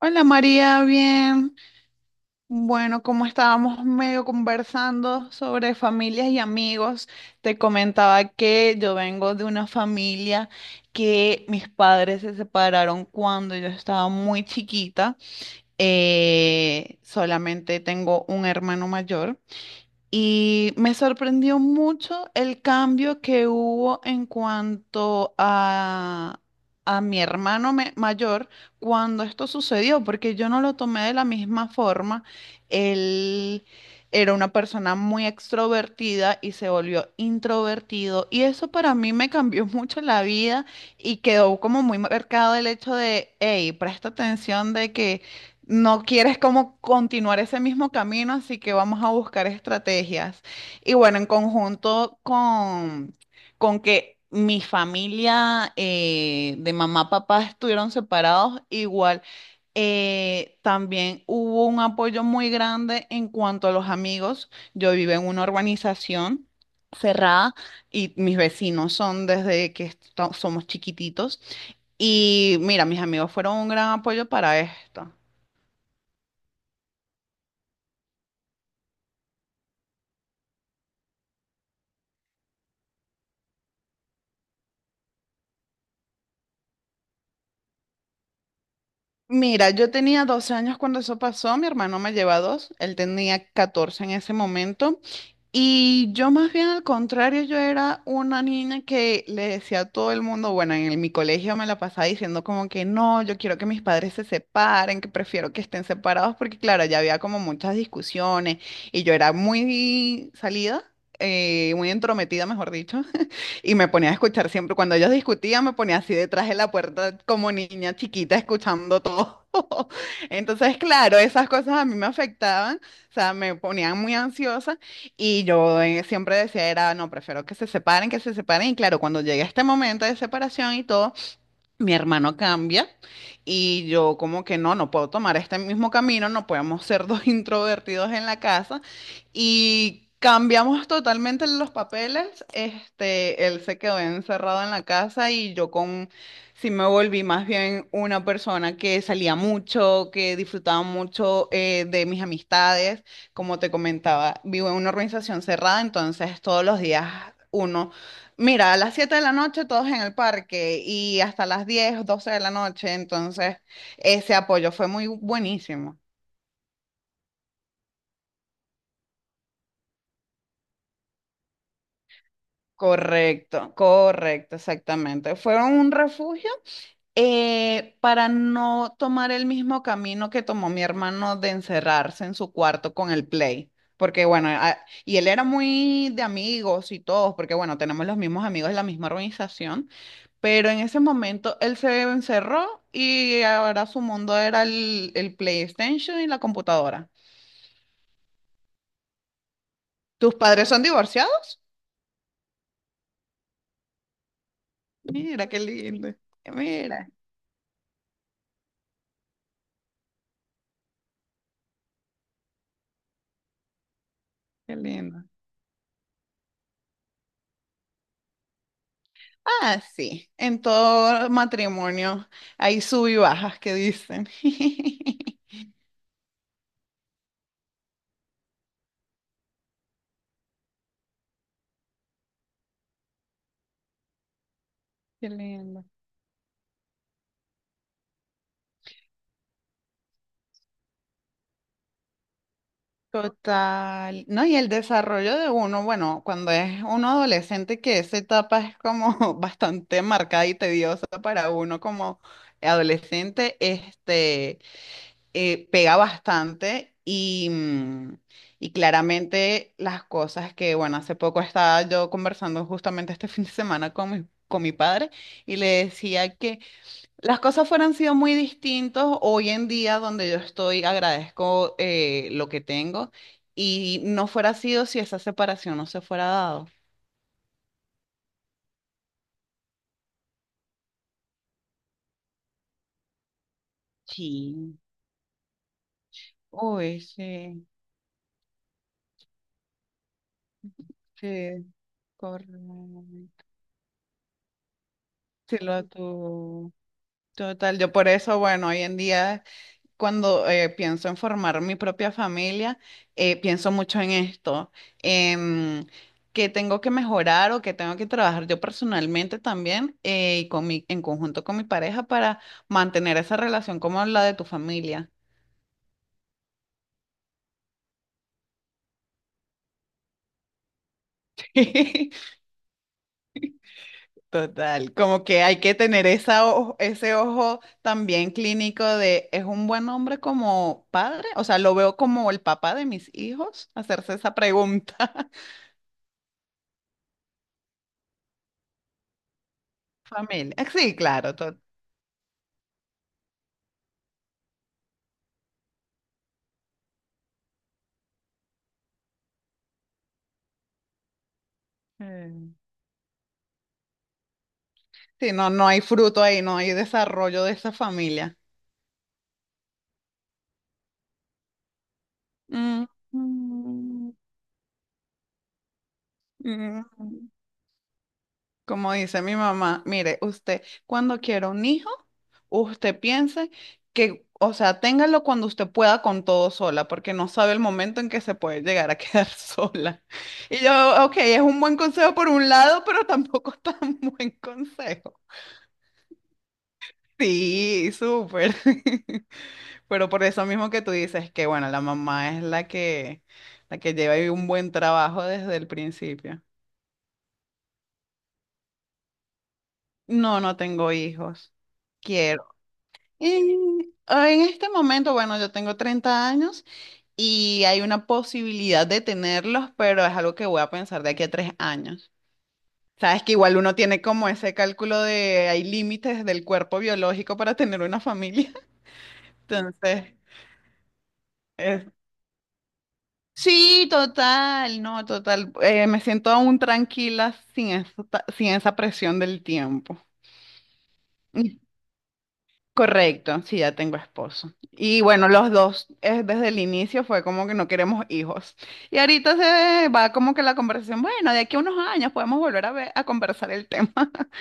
Hola María, bien. Bueno, como estábamos medio conversando sobre familias y amigos, te comentaba que yo vengo de una familia que mis padres se separaron cuando yo estaba muy chiquita. Solamente tengo un hermano mayor. Y me sorprendió mucho el cambio que hubo en cuanto a mi hermano mayor cuando esto sucedió, porque yo no lo tomé de la misma forma. Él era una persona muy extrovertida y se volvió introvertido. Y eso para mí me cambió mucho la vida y quedó como muy marcado el hecho de, hey, presta atención de que no quieres como continuar ese mismo camino, así que vamos a buscar estrategias. Y bueno, con que mi familia de mamá, papá estuvieron separados, igual también hubo un apoyo muy grande en cuanto a los amigos. Yo vivo en una urbanización cerrada y mis vecinos son desde que somos chiquititos. Y mira, mis amigos fueron un gran apoyo para esto. Mira, yo tenía 12 años cuando eso pasó, mi hermano me lleva dos, él tenía 14 en ese momento. Y yo más bien al contrario, yo era una niña que le decía a todo el mundo, bueno, en mi colegio me la pasaba diciendo como que no, yo quiero que mis padres se separen, que prefiero que estén separados porque claro, ya había como muchas discusiones y yo era muy salida, muy entrometida, mejor dicho. Y me ponía a escuchar siempre, cuando ellos discutían, me ponía así detrás de la puerta como niña chiquita escuchando todo. Entonces, claro, esas cosas a mí me afectaban, o sea, me ponían muy ansiosa. Y yo siempre decía, era, no, prefiero que se separen, que se separen. Y claro, cuando llegué a este momento de separación y todo, mi hermano cambia y yo como que no, no puedo tomar este mismo camino, no podemos ser dos introvertidos en la casa y cambiamos totalmente los papeles. Este, él se quedó encerrado en la casa y yo con sí me volví más bien una persona que salía mucho, que disfrutaba mucho de mis amistades. Como te comentaba, vivo en una organización cerrada, entonces todos los días uno. Mira, a las 7 de la noche todos en el parque y hasta las 10, 12 de la noche, entonces ese apoyo fue muy buenísimo. Correcto, correcto, exactamente. Fueron un refugio para no tomar el mismo camino que tomó mi hermano de encerrarse en su cuarto con el play. Porque bueno, y él era muy de amigos y todos, porque bueno, tenemos los mismos amigos de la misma organización. Pero en ese momento él se encerró y ahora su mundo era el PlayStation y la computadora. ¿Tus padres son divorciados? Mira, qué lindo. Mira, qué lindo. Ah, sí, en todo matrimonio hay sub y bajas que dicen. Qué lindo. Total, ¿no? Y el desarrollo de uno, bueno, cuando es uno adolescente, que esa etapa es como bastante marcada y tediosa para uno como adolescente, este, pega bastante y, y claramente las cosas que, bueno, hace poco estaba yo conversando justamente este fin de semana con con mi padre y le decía las cosas fueran sido muy distintas hoy en día donde yo estoy, agradezco lo que tengo y no fuera sido si esa separación no se fuera dado. Sí, uy, sí, sí, correcto. Sí, total, yo por eso, bueno, hoy en día cuando pienso en formar mi propia familia, pienso mucho en esto, en qué tengo que mejorar o qué tengo que trabajar yo personalmente también y con en conjunto con mi pareja para mantener esa relación como la de tu familia. Total, como que hay que tener ese ojo también clínico de, ¿es un buen hombre como padre? O sea, lo veo como el papá de mis hijos, hacerse esa pregunta. Familia, sí, claro, total. Sí, no, no hay fruto ahí, no hay desarrollo de esa familia. Mm, mm, mm. Como dice mi mamá, mire, usted cuando quiera un hijo, usted piense que, o sea, téngalo cuando usted pueda con todo sola, porque no sabe el momento en que se puede llegar a quedar sola. Y yo, ok, es un buen consejo por un lado, pero tampoco tan buen consejo. Sí, súper. Pero por eso mismo que tú dices que, bueno, la mamá es la que lleva ahí un buen trabajo desde el principio. No, no tengo hijos. Quiero. En este momento, bueno, yo tengo 30 años y hay una posibilidad de tenerlos, pero es algo que voy a pensar de aquí a 3 años. Sabes que igual uno tiene como ese cálculo de hay límites del cuerpo biológico para tener una familia. Entonces, es- sí, total, no, total. Me siento aún tranquila sin esa, sin esa presión del tiempo. Mm, correcto, sí, ya tengo esposo. Y bueno, los dos, desde el inicio fue como que no queremos hijos. Y ahorita se va como que la conversación, bueno, de aquí a unos años podemos volver a ver, a conversar el tema.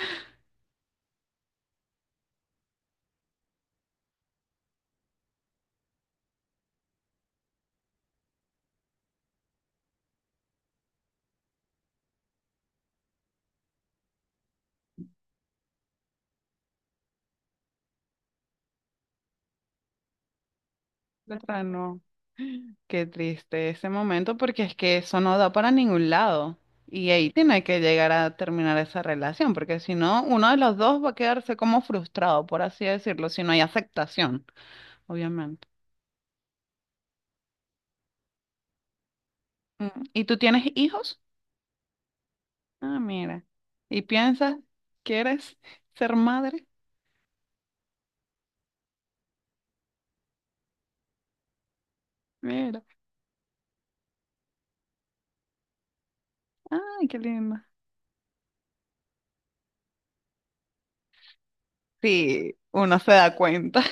Pero no. Qué triste ese momento porque es que eso no da para ningún lado. Y ahí tiene que llegar a terminar esa relación, porque si no, uno de los dos va a quedarse como frustrado, por así decirlo, si no hay aceptación, obviamente. Mm, ¿y tú tienes hijos? Ah, mira. ¿Y piensas, quieres ser madre? Mira. Ay, qué lindo. Sí, uno se da cuenta.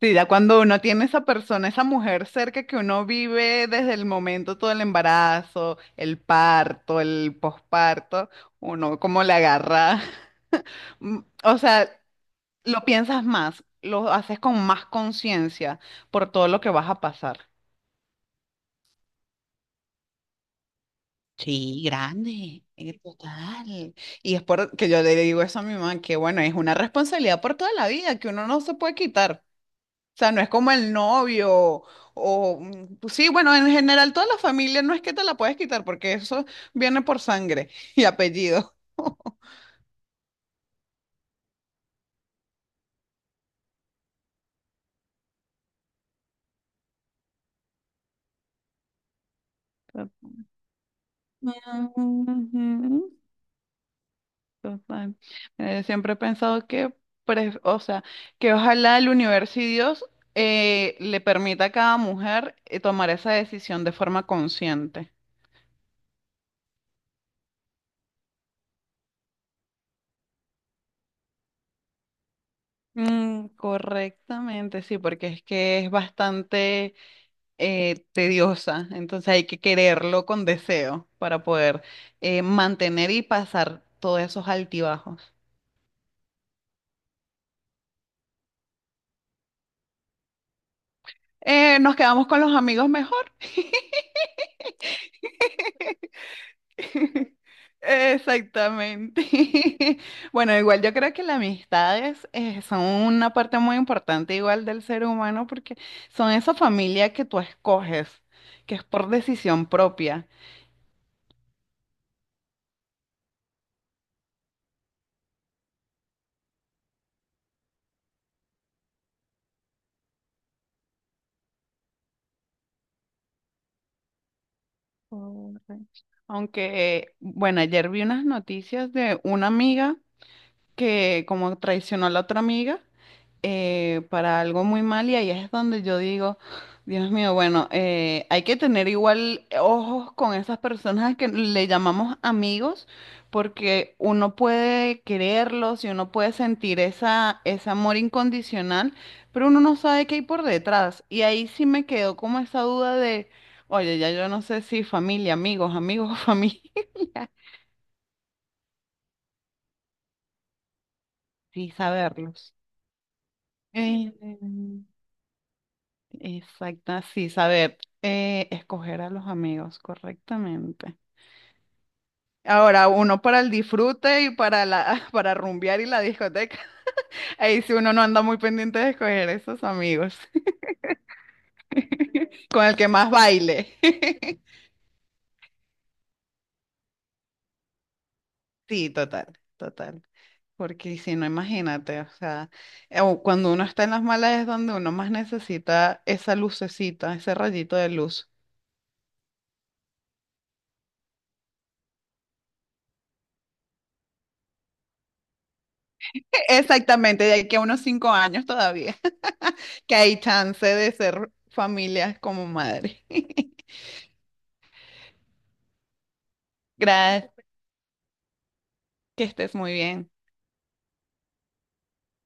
Sí, ya cuando uno tiene esa persona, esa mujer cerca que uno vive desde el momento todo el embarazo, el parto, el posparto, uno como le agarra, mm, o sea, lo piensas más, lo haces con más conciencia por todo lo que vas a pasar. Sí, grande, total. Y es por que yo le digo eso a mi mamá, que bueno, es una responsabilidad por toda la vida que uno no se puede quitar. Sea, no es como el novio o mm, pues sí, bueno, en general toda la familia no es que te la puedes quitar porque eso viene por sangre y apellido. Tot- Ujú, total. Siempre he pensado que, o sea, que ojalá el universo y Dios le permita a cada mujer tomar esa decisión de forma consciente. Mm, correctamente, sí, porque es que es bastante tediosa, entonces hay que quererlo con deseo para poder mantener y pasar todos esos altibajos. Nos quedamos con los amigos mejor. Exactamente. Bueno, igual yo creo que las amistades son una parte muy importante igual del ser humano porque son esa familia que tú escoges, que es por decisión propia. Correcto. Aunque, bueno, ayer vi unas noticias de una amiga que como traicionó a la otra amiga para algo muy mal y ahí es donde yo digo, Dios mío, bueno, hay que tener igual ojos con esas personas que le llamamos amigos, porque uno puede quererlos y uno puede sentir esa, ese amor incondicional, pero uno no sabe qué hay por detrás. Y ahí sí me quedó como esa duda de, oye, ya yo no sé si familia, amigos, amigos, familia, sí saberlos. Eh, Exacto, sí, saber escoger a los amigos correctamente. Ahora, uno para el disfrute y para la, para rumbear y la discoteca. Ahí sí uno no anda muy pendiente de escoger esos amigos, con el que más baile. Sí, total, total. Porque si no, imagínate, o sea, o cuando uno está en las malas es donde uno más necesita esa lucecita, ese rayito de luz. Exactamente, de aquí a unos 5 años todavía. Que hay chance de ser familias como madre. Gracias, que estés muy bien.